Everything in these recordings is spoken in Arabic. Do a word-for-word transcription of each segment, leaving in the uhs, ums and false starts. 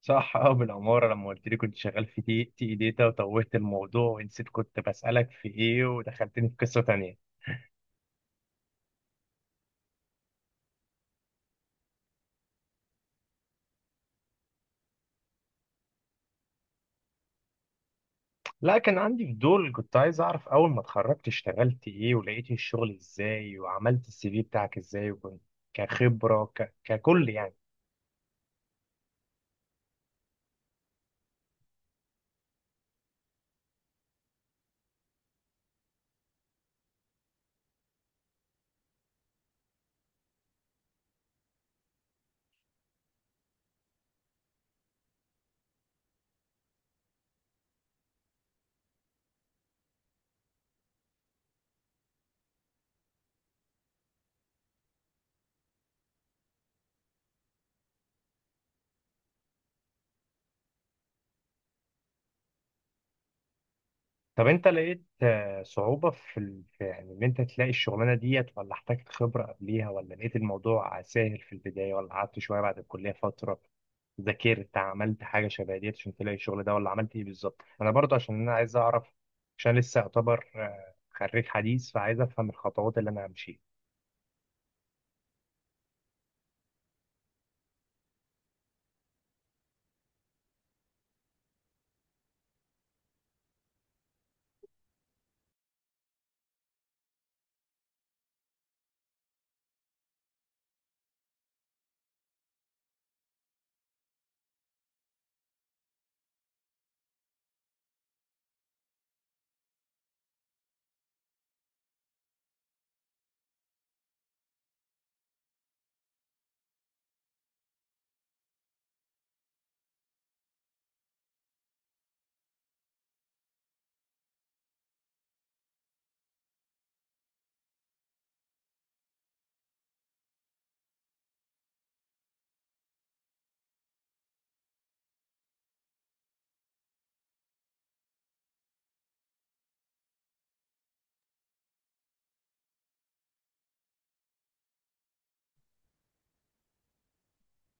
صح، اه، بالعمارة لما قلت لي كنت شغال في تي تي داتا وتوهت الموضوع ونسيت كنت بسألك في ايه ودخلتني في قصة تانية. لا، كان عندي فضول، كنت عايز اعرف اول ما اتخرجت اشتغلت ايه ولقيت الشغل ازاي وعملت السي في بتاعك ازاي، وكنت كخبرة ك... ككل يعني. طب انت لقيت آه، صعوبة في ال- في يعني ان انت تلاقي الشغلانة ديت، ولا احتاجت خبرة قبليها، ولا لقيت الموضوع سهل في البداية، ولا قعدت شوية بعد الكلية فترة ذاكرت عملت حاجة شبه ديت عشان تلاقي الشغل ده، ولا عملت ايه بالظبط؟ انا برضه عشان انا عايز اعرف، عشان لسه اعتبر آه، خريج حديث، فعايز افهم الخطوات اللي انا همشيها.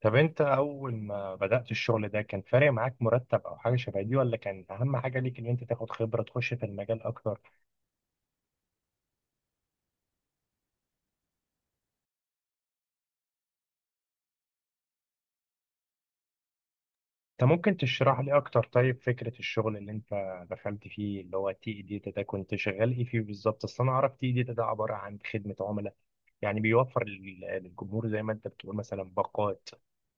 طب انت اول ما بدأت الشغل ده كان فارق معاك مرتب او حاجة شبه دي، ولا كان اهم حاجة ليك ان انت تاخد خبرة تخش في المجال اكتر؟ انت ممكن تشرح لي اكتر طيب فكرة الشغل اللي انت دخلت فيه اللي هو تي داتا ده؟ كنت شغال ايه فيه بالظبط؟ اصل انا اعرف تي داتا ده عبارة عن خدمة عملاء، يعني بيوفر لل- للجمهور زي ما انت بتقول مثلا باقات،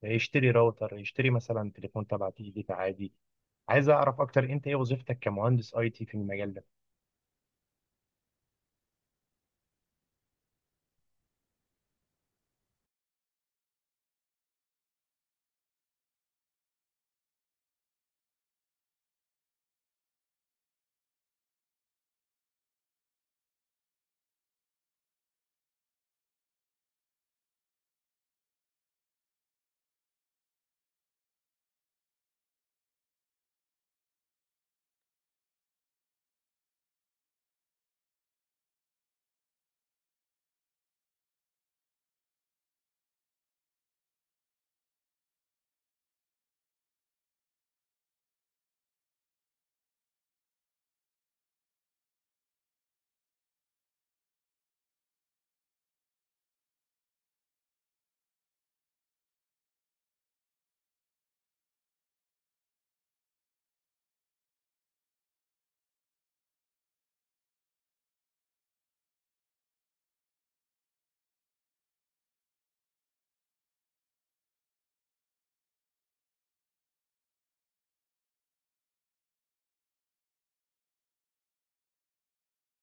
يشتري راوتر، يشتري مثلا تليفون تبع تي داتا عادي. عايز اعرف اكتر انت ايه وظيفتك كمهندس اي تي في المجال ده؟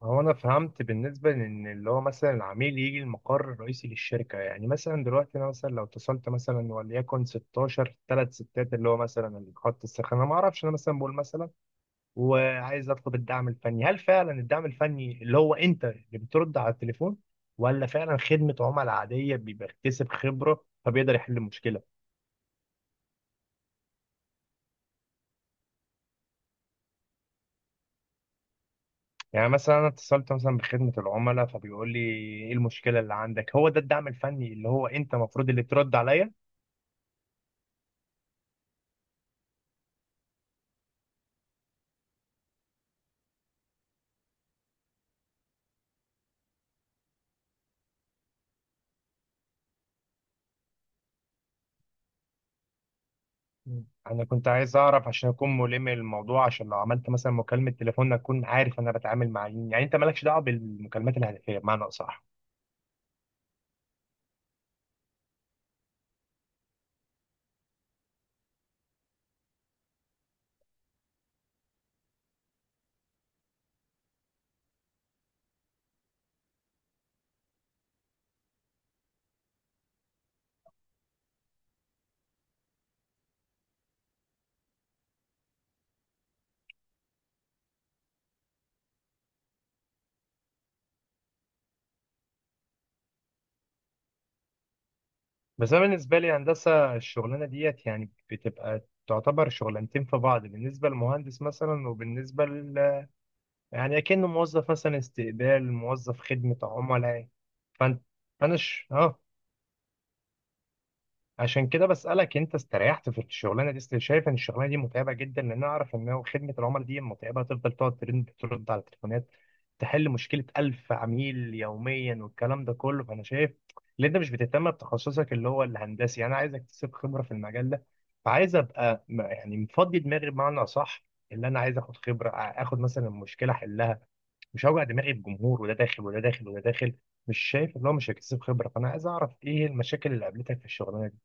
هو انا فهمت بالنسبه لان اللي هو مثلا العميل يجي المقر الرئيسي للشركه، يعني مثلا دلوقتي انا مثلا لو اتصلت مثلا وليكن ستة عشر ثلاث ستات اللي هو مثلا خط السخانه، ما اعرفش، انا مثلا بقول مثلا وعايز اطلب الدعم الفني، هل فعلا الدعم الفني اللي هو انت اللي بترد على التليفون، ولا فعلا خدمه عملاء عاديه بيبقى اكتسب خبره فبيقدر يحل المشكله؟ يعني مثلا انا اتصلت مثلا بخدمه العملاء فبيقول لي ايه المشكله اللي عندك، هو ده الدعم الفني اللي هو انت المفروض اللي ترد عليا؟ مم. انا كنت عايز اعرف عشان اكون ملم الموضوع، عشان لو عملت مثلا مكالمه تليفون اكون عارف انا بتعامل مع مين، يعني انت مالكش دعوه بالمكالمات الهاتفيه بمعنى اصح؟ بس انا بالنسبه لي هندسه الشغلانه ديت يعني بتبقى تعتبر شغلانتين في بعض، بالنسبه للمهندس مثلا وبالنسبه ل... يعني اكنه موظف مثلا استقبال، موظف خدمه عملاء. فانت فانا ش... اه عشان كده بسألك انت استريحت في الشغلانه دي؟ است- شايف ان الشغلانه دي متعبه جدا، لان انا اعرف ان هو خدمه العملاء دي متعبه، تفضل تقعد ترد ترد على التليفونات، تحل مشكله ألف عميل يوميا والكلام ده كله. فانا شايف ان انت مش بتهتم بتخصصك اللي هو الهندسي، يعني انا عايز اكتسب خبره في المجال ده، فعايز ابقى م- يعني مفضي دماغي بمعنى اصح، اللي انا عايز اخد خبره ا- اخد مثلا المشكله احلها، مش هوجع دماغي بجمهور وده داخل وده داخل وده داخل، مش شايف اللي هو مش هيكتسب خبره. فانا عايز اعرف ايه المشاكل اللي قابلتك في الشغلانه دي؟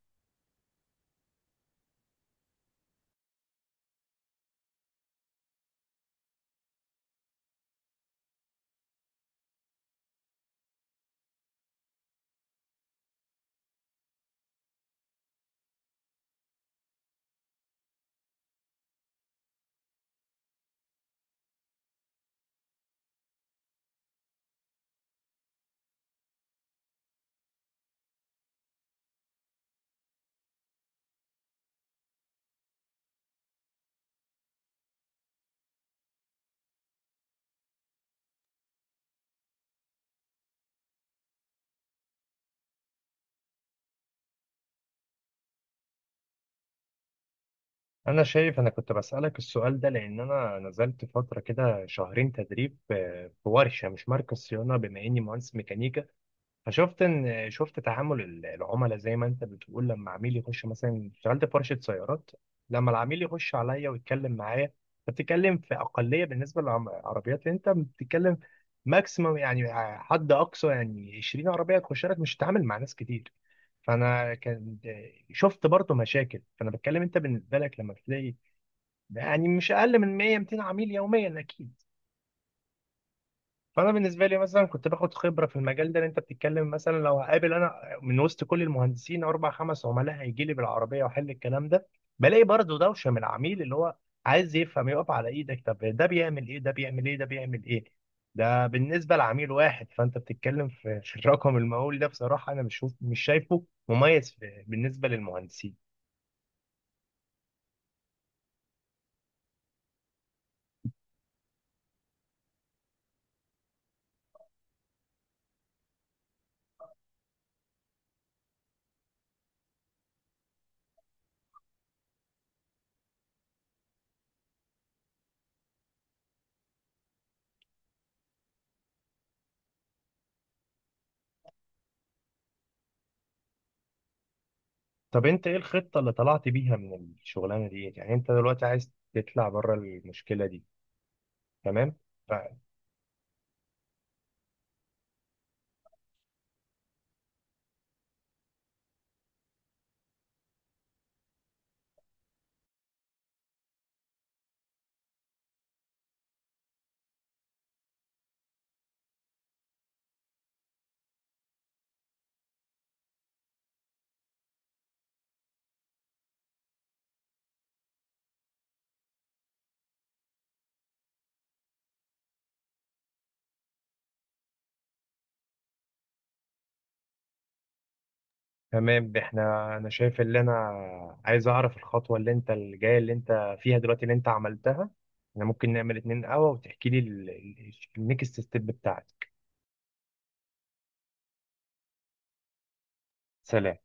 أنا شايف أنا كنت بسألك السؤال ده لأن أنا نزلت فترة كده شهرين تدريب آه، في ورشة، مش مركز صيانة، بما إني مهندس ميكانيكا. فشفت إن شفت تعامل ال- العملاء زي ما أنت بتقول لما عميل يخش مثلا، اشتغلت في ورشة سيارات، لما العميل يخش عليا ويتكلم معايا، فبتتكلم في أقلية بالنسبة للعربيات. أنت بتتكلم ماكسيمم يعني آه، حد أقصى يعني عشرين عربية تخش لك، مش هتتعامل مع ناس كتير. فانا كان آه، شفت برضه مشاكل، فانا بتكلم انت بالنسبه لك لما بتلاقي ده يعني مش اقل من مائة ميتين عميل يوميا اكيد. فانا بالنسبه لي مثلا كنت باخد خبره في المجال ده اللي انت بتتكلم، مثلا لو هقابل انا من وسط كل المهندسين اربع خمس عملاء هيجي لي بالعربيه واحل الكلام ده، بلاقي برضه دوشه من العميل اللي هو عايز يفهم، يقف على ايدك، طب ده بيعمل ايه، ده بيعمل ايه، ده بيعمل ايه. ده بالنسبه لعميل واحد، فانت بتتكلم في في الرقم المهول ده، بصراحه انا مش شوف- مش شايفه مميز في- بالنسبه للمهندسين. طب انت ايه الخطة اللي طلعت بيها من الشغلانة دي؟ يعني انت دلوقتي عايز تطلع بره المشكلة دي؟ تمام ف- تمام احنا، انا شايف اللي انا عايز اعرف الخطوة اللي انت الجاية اللي انت فيها دلوقتي اللي انت عملتها. احنا ممكن نعمل اتنين قهوة وتحكي لي النكست ستيب بتاعتك. سلام.